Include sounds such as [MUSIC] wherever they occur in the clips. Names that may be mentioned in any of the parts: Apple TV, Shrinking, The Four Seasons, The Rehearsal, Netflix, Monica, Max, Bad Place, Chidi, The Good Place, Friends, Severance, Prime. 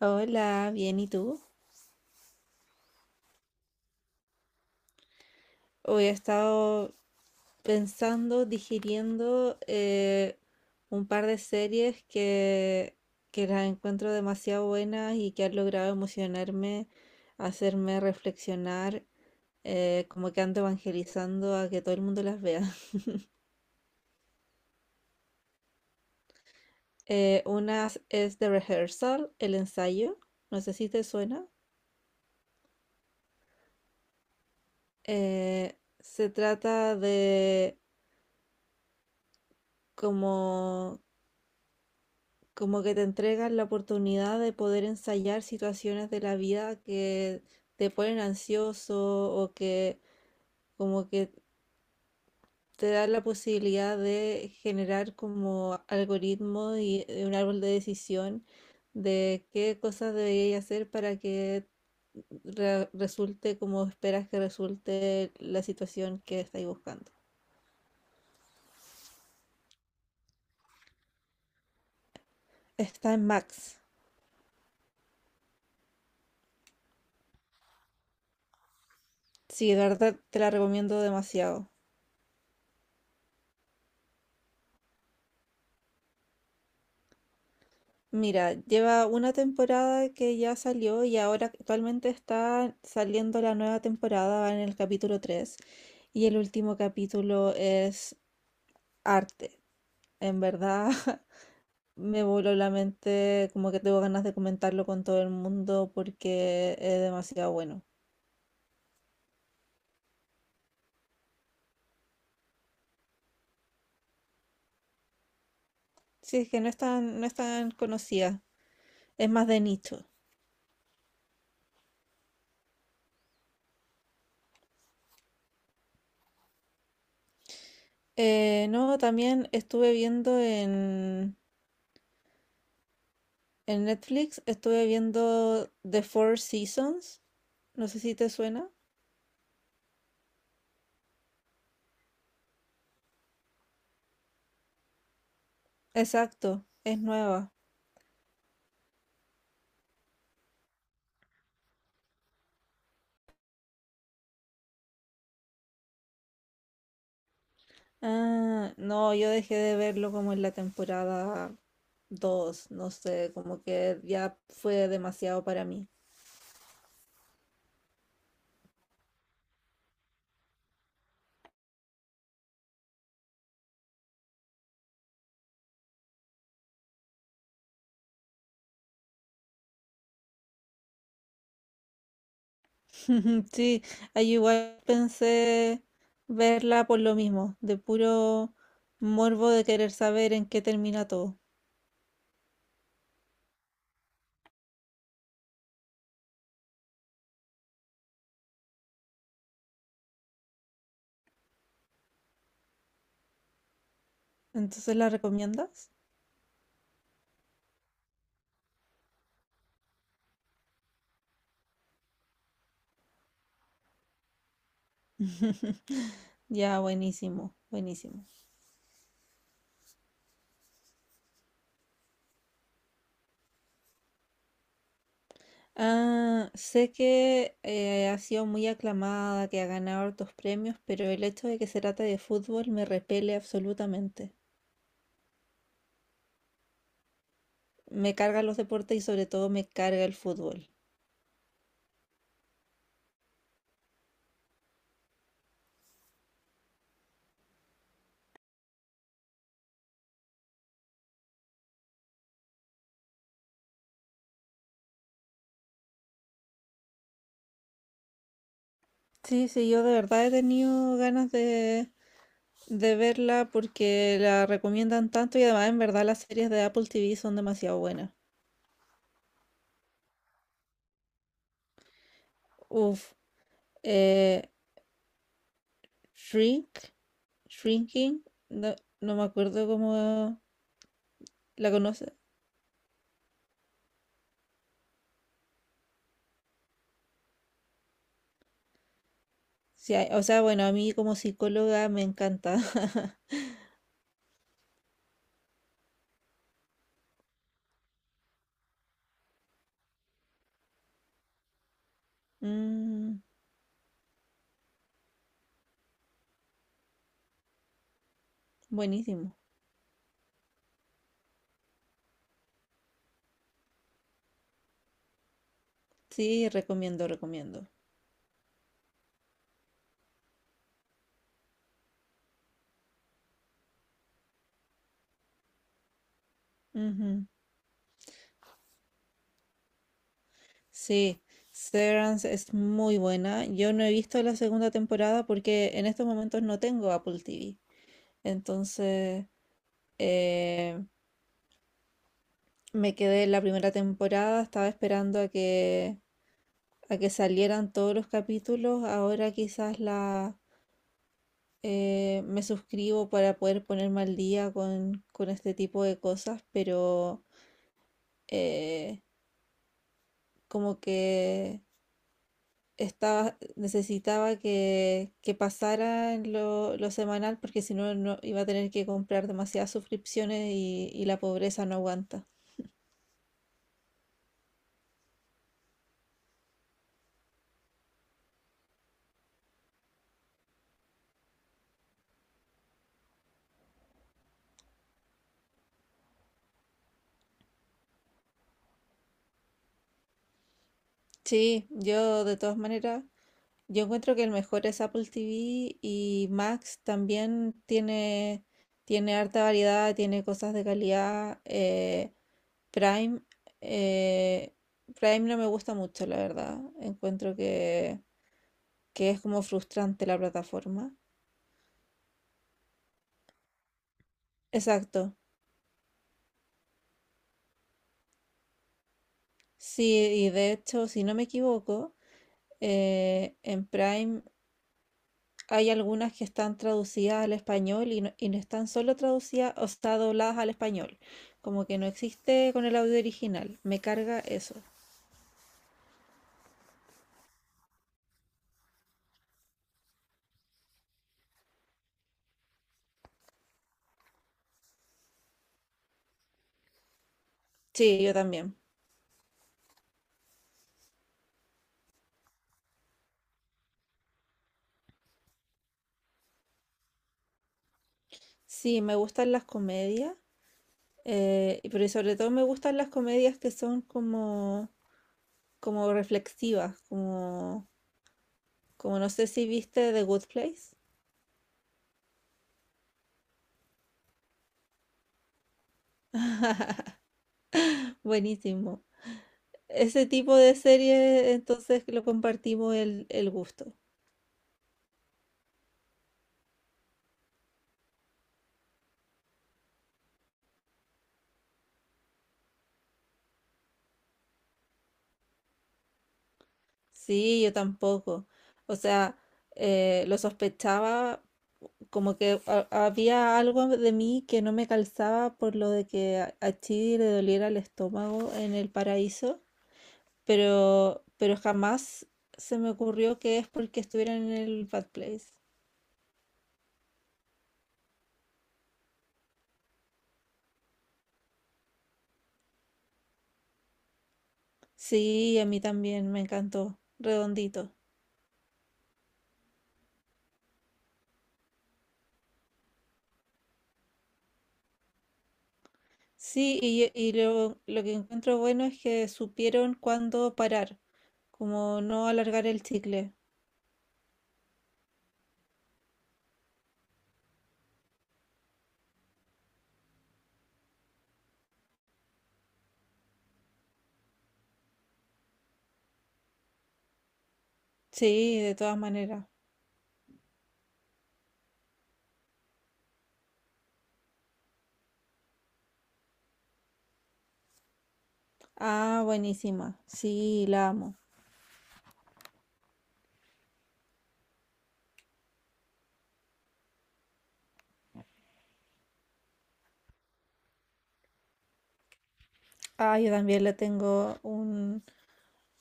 Hola, bien, ¿y tú? Hoy he estado pensando, digiriendo un par de series que las encuentro demasiado buenas y que han logrado emocionarme, hacerme reflexionar, como que ando evangelizando a que todo el mundo las vea. [LAUGHS] Una es The Rehearsal, el ensayo, no sé si te suena. Eh, se trata de como. Como que te entregan la oportunidad de poder ensayar situaciones de la vida que te ponen ansioso o que como que te dan la posibilidad de generar como algoritmo y un árbol de decisión de qué cosas deberías hacer para que resulte como esperas que resulte la situación que estáis buscando. Está en Max. Sí, de verdad te la recomiendo demasiado. Mira, lleva una temporada que ya salió y ahora actualmente está saliendo la nueva temporada, va en el capítulo 3 y el último capítulo es arte. En verdad [LAUGHS] me voló la mente, como que tengo ganas de comentarlo con todo el mundo porque es demasiado bueno. Sí, es que no es tan conocida, es más de nicho. No, también estuve viendo. En Netflix estuve viendo The Four Seasons. No sé si te suena. Exacto, es nueva. Ah, no, yo dejé de verlo como en la temporada 2, no sé, como que ya fue demasiado para mí. [LAUGHS] Sí, ahí igual pensé verla por lo mismo, de puro morbo de querer saber en qué termina todo. Entonces, ¿la recomiendas? Ya, buenísimo, buenísimo. Ah, sé que ha sido muy aclamada, que ha ganado hartos premios, pero el hecho de que se trata de fútbol me repele absolutamente. Me cargan los deportes y sobre todo me carga el fútbol. Sí, sí, yo de verdad he tenido ganas de verla porque la recomiendan tanto y además en verdad las series de Apple TV son demasiado buenas. Uf, eh, Shrink, Shrinking, no, no me acuerdo cómo la conoce. Sí, hay- o sea, bueno, a mí como psicóloga me encanta. [LAUGHS] Mm, buenísimo. Sí, recomiendo, recomiendo. Ujú. Sí, Severance es muy buena. Yo no he visto la segunda temporada porque en estos momentos no tengo Apple TV. Entonces, eh, me quedé en la primera temporada, estaba esperando a a que salieran todos los capítulos. Ahora quizás me suscribo para poder ponerme al día con este tipo de cosas, pero eh, como que necesitaba que pasara lo semanal porque si no, no iba a tener que comprar demasiadas suscripciones y la pobreza no aguanta. Sí, yo de todas maneras. Yo encuentro que el mejor es Apple TV y Max también tiene harta variedad, tiene cosas de calidad. Prime, eh, Prime no me gusta mucho, la verdad. Encuentro que es como frustrante la plataforma. Exacto. Sí, y de hecho, si no me equivoco, en Prime hay algunas que están traducidas al español y no están solo traducidas, o sea, dobladas al español. Como que no existe con el audio original. Me carga eso. Sí, yo también. Sí, me gustan las comedias, pero sobre todo me gustan las comedias que son como como no sé si viste The Good Place. Buenísimo. Ese tipo de serie, entonces lo compartimos el gusto. Sí, yo tampoco. O sea, lo sospechaba como que había algo de mí que no me calzaba por lo de que a Chidi le doliera el estómago en el paraíso, pero jamás se me ocurrió que es porque estuviera en el Bad Place. Sí, a mí también me encantó, redondito. Sí, lo que encuentro bueno es que supieron cuándo parar, como no alargar el chicle. Sí, de todas maneras. Ah, buenísima. Sí, la amo. Ah, yo también le tengo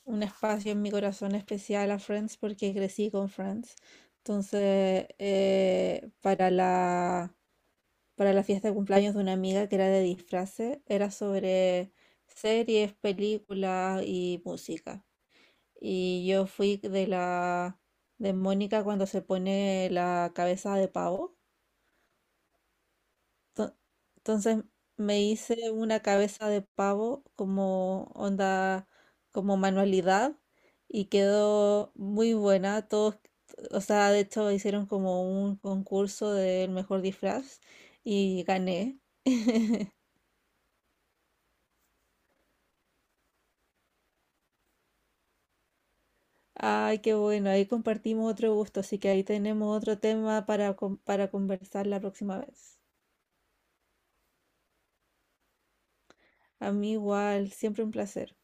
un espacio en mi corazón especial a Friends porque crecí con Friends. Entonces, para la fiesta de cumpleaños de una amiga que era de disfraces, era sobre series, películas y música. Y yo fui de la de Mónica cuando se pone la cabeza de pavo. To- Entonces me hice una cabeza de pavo como onda, como manualidad y quedó muy buena. Todos, o sea, de hecho hicieron como un concurso del mejor disfraz y gané. Ay, qué bueno, ahí compartimos otro gusto, así que ahí tenemos otro tema para, para conversar la próxima vez. A mí igual, siempre un placer.